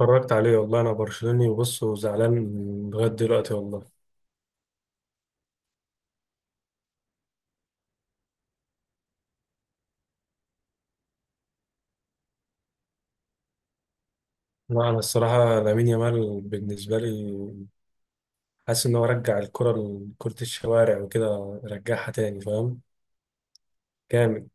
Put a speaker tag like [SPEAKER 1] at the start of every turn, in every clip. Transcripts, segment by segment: [SPEAKER 1] اتفرجت عليه والله. انا برشلوني، وبص، وزعلان لغايه دلوقتي والله. لا، انا الصراحه لامين يامال بالنسبه لي، حاسس ان هو رجع الكره لكره الشوارع وكده، رجعها تاني، فاهم؟ جامد.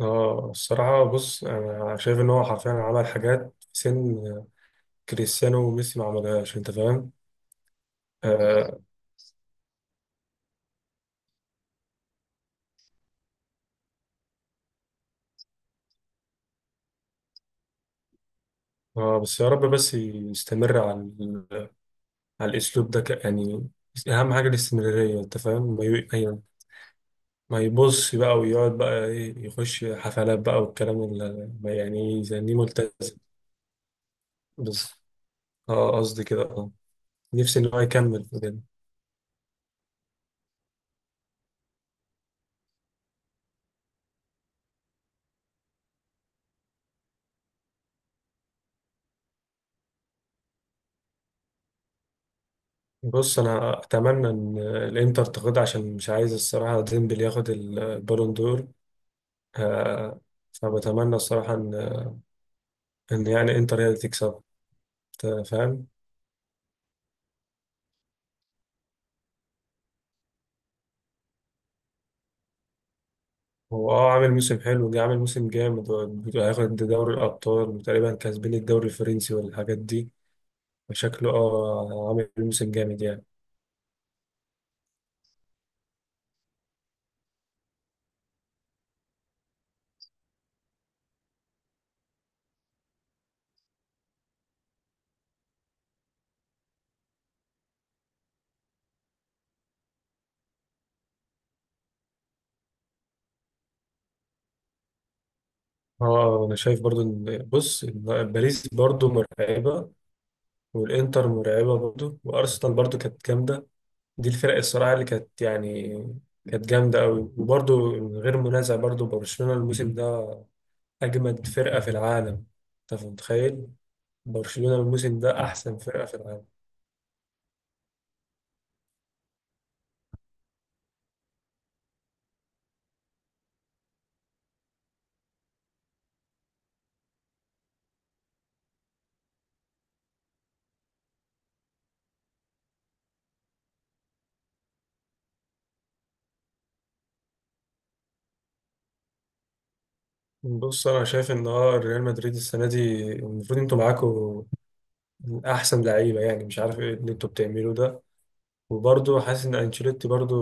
[SPEAKER 1] اه الصراحه بص، انا شايف ان هو حرفيا عمل حاجات في سن كريستيانو وميسي ما عملهاش، انت فاهم؟ آه, اه بس يا رب بس يستمر على على الاسلوب ده يعني اهم حاجه الاستمراريه، انت فاهم؟ ما ي- يعني ما يبص بقى ويقعد بقى إيه، يخش حفلات بقى والكلام اللي ما يعني يزنيه، ملتزم بس. اه قصدي كده، اه. نفسي ان هو يكمل في كده. بص انا اتمنى ان الانتر تاخدها، عشان مش عايز الصراحه ديمبلي ياخد البالون دور. آه، فبتمنى الصراحه ان يعني انتر هي اللي تكسب. أنت فاهم؟ هو اه عامل موسم حلو، جه عامل موسم جامد. هياخد دوري الابطال، وتقريبا كسبين الدوري الفرنسي والحاجات دي، فشكله اه عامل موسم جامد يعني. اه انا شايف برضو ان بص، إن باريس برضو مرعبه، والانتر مرعبه برضو، وارسنال برضو كانت جامده. دي الفرق الصراحه اللي كانت يعني كانت جامده قوي. وبرضو من غير منازع، برضو برشلونه الموسم ده اجمد فرقه في العالم. انت متخيل؟ برشلونه الموسم ده احسن فرقه في العالم. بص انا شايف ان اه ريال مدريد السنه دي المفروض انتوا معاكوا احسن لعيبه، يعني مش عارف ايه اللي انتوا بتعملوه ده. وبرضه حاسس ان انشيلوتي برضه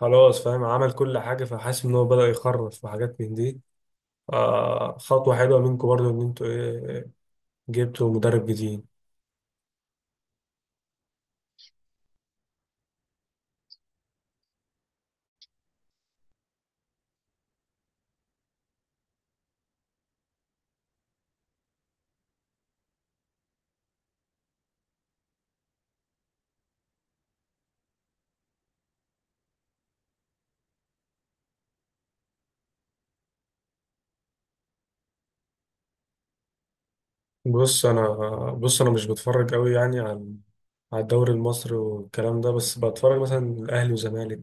[SPEAKER 1] خلاص، فاهم؟ عمل كل حاجة، فحاسس إن هو بدأ يخرف وحاجات من دي. آه خطوة حلوة منكم برضو إن أنتوا إيه، جبتوا مدرب جديد. بص أنا، بص أنا مش بتفرج أوي يعني على على الدوري المصري والكلام ده، بس بتفرج مثلا الأهلي والزمالك،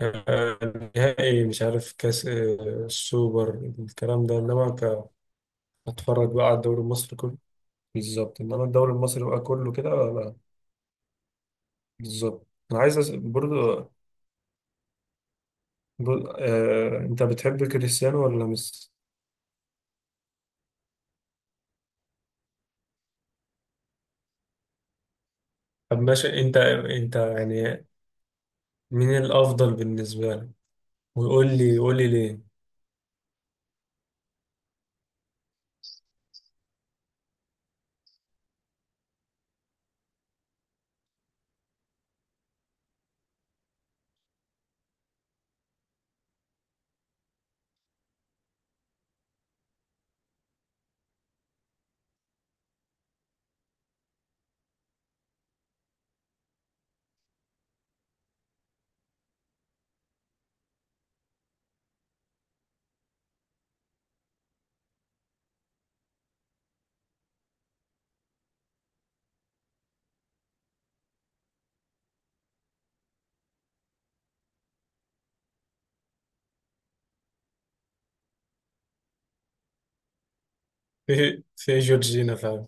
[SPEAKER 1] آه، نهائي مش عارف كاس، السوبر، الكلام ده. إنما أتفرج بقى على الدوري المصري كله. بالظبط، إنما الدوري المصري بقى كله كده، لا. بالظبط. أنا عايز أسأل برضو، انت بتحب كريستيانو ولا ميسي؟ طب ماشي، انت يعني مين الافضل بالنسبه لك؟ وقول لي، قول لي ليه. في جورجينا فعلا.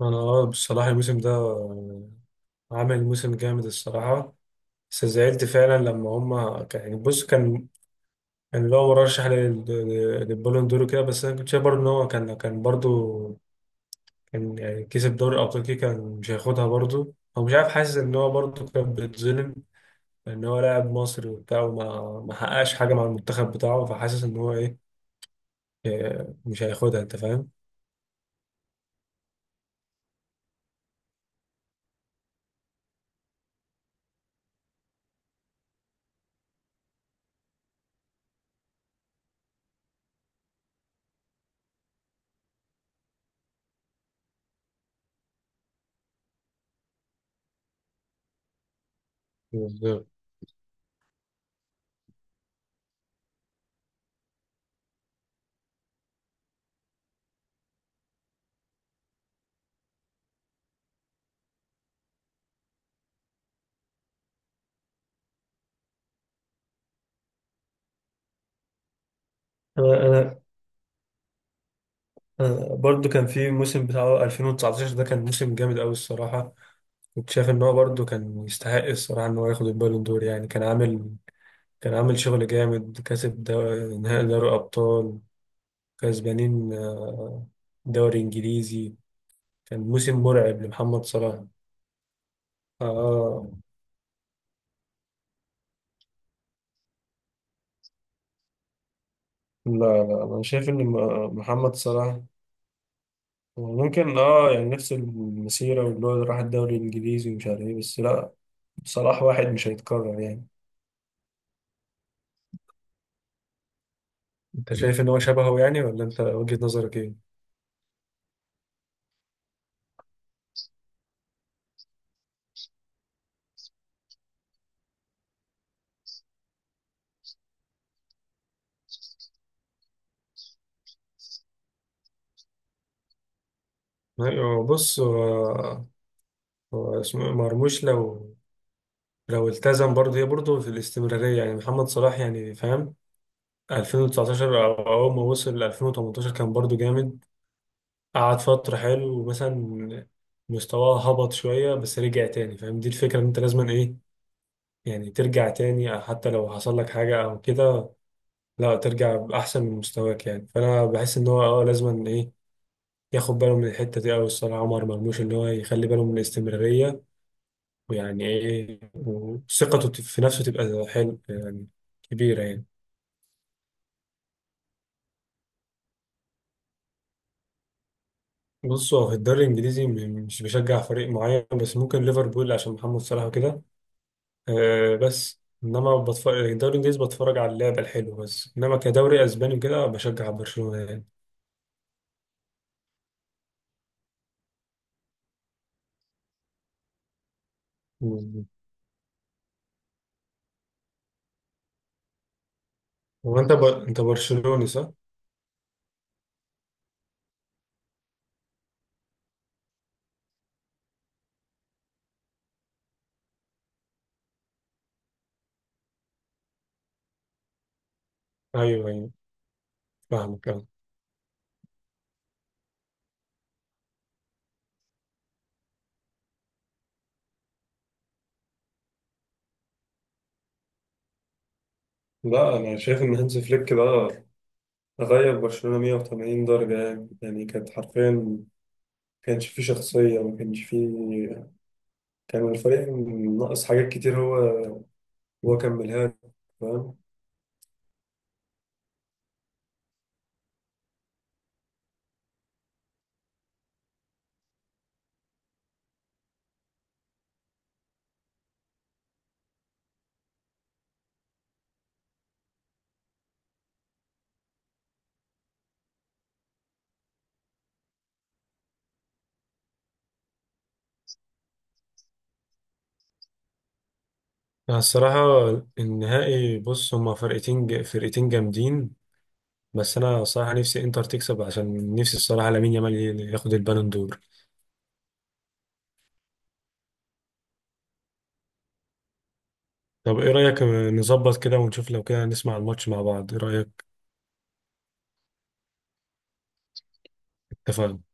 [SPEAKER 1] انا اه بصراحه الموسم ده عمل موسم جامد الصراحه. بس زعلت فعلا لما هما كان يعني بص كان، كان اللي هو مرشح للبالون دور كده. بس انا كنت شايف برضه ان هو كان، كان برضه كان يعني كسب دوري الابطال كده، كان مش هياخدها برضه، هو مش عارف. حاسس ان هو برضه كان بيتظلم، ان هو لاعب مصري وبتاع، وما ما حققش حاجه مع المنتخب بتاعه. فحاسس ان هو ايه، إيه، مش هياخدها، انت فاهم؟ بالظبط. انا أنا برضو كان في موسم بتاعه 2019 ده، كان موسم جامد قوي الصراحه. كنت شايف ان هو برضو كان يستحق الصراحه ان هو ياخد البالون دور، يعني كان عامل، كان عامل شغل جامد. نهائي دوري ابطال، كسبانين دوري انجليزي. كان موسم مرعب لمحمد صلاح. اه. لا، لا انا شايف ان محمد صلاح ممكن اه يعني نفس المسيرة، واللي هو راح الدوري الإنجليزي ومش عارف ايه، بس لا، صلاح واحد مش هيتكرر يعني. انت شايف ان هو شبهه يعني؟ ولا انت وجهة نظرك ايه؟ أيوة، بص هو، هو اسمه إيه، مرموش لو، لو التزم برضه، هي برضه في الاستمرارية يعني. محمد صلاح يعني فاهم، 2019 أو أول ما وصل 2018 كان برضه جامد، قعد فترة حلو، ومثلا مستواه هبط شوية بس رجع تاني، فاهم؟ دي الفكرة، إن أنت لازم إيه يعني ترجع تاني حتى لو حصل لك حاجة أو كده. لا، ترجع بأحسن من مستواك يعني. فأنا بحس إن هو أه لازم إيه، ياخد باله من الحتة دي أوي الصراحة. عمر مرموش إن هو يخلي باله من الاستمرارية ويعني إيه، وثقته في نفسه تبقى حلو يعني. كبيرة يعني. بص هو في الدوري الإنجليزي مش بشجع فريق معين، بس ممكن ليفربول عشان محمد صلاح وكده. آه بس إنما بتفرج الدوري الإنجليزي، بتفرج على اللعب الحلو بس. إنما كدوري أسباني وكده بشجع برشلونة يعني. هو أنت أنت برشلوني صح؟ أيوه أيوه. فاهمك أه. لا انا شايف ان هانز فليك ده غير برشلونة 180 درجة يعني. يعني كانت حرفيا ما كانش فيه شخصية، ما كانش فيه، كان الفريق ناقص حاجات كتير. هو، هو كملها له، فاهم؟ أنا الصراحة النهائي، بص هما فرقتين فرقتين جامدين. بس أنا الصراحة نفسي إنتر تكسب عشان نفسي الصراحة لامين يامال ياخد البالون دور. طب إيه رأيك، نظبط كده ونشوف، لو كده نسمع الماتش مع بعض، إيه رأيك؟ اتفقنا.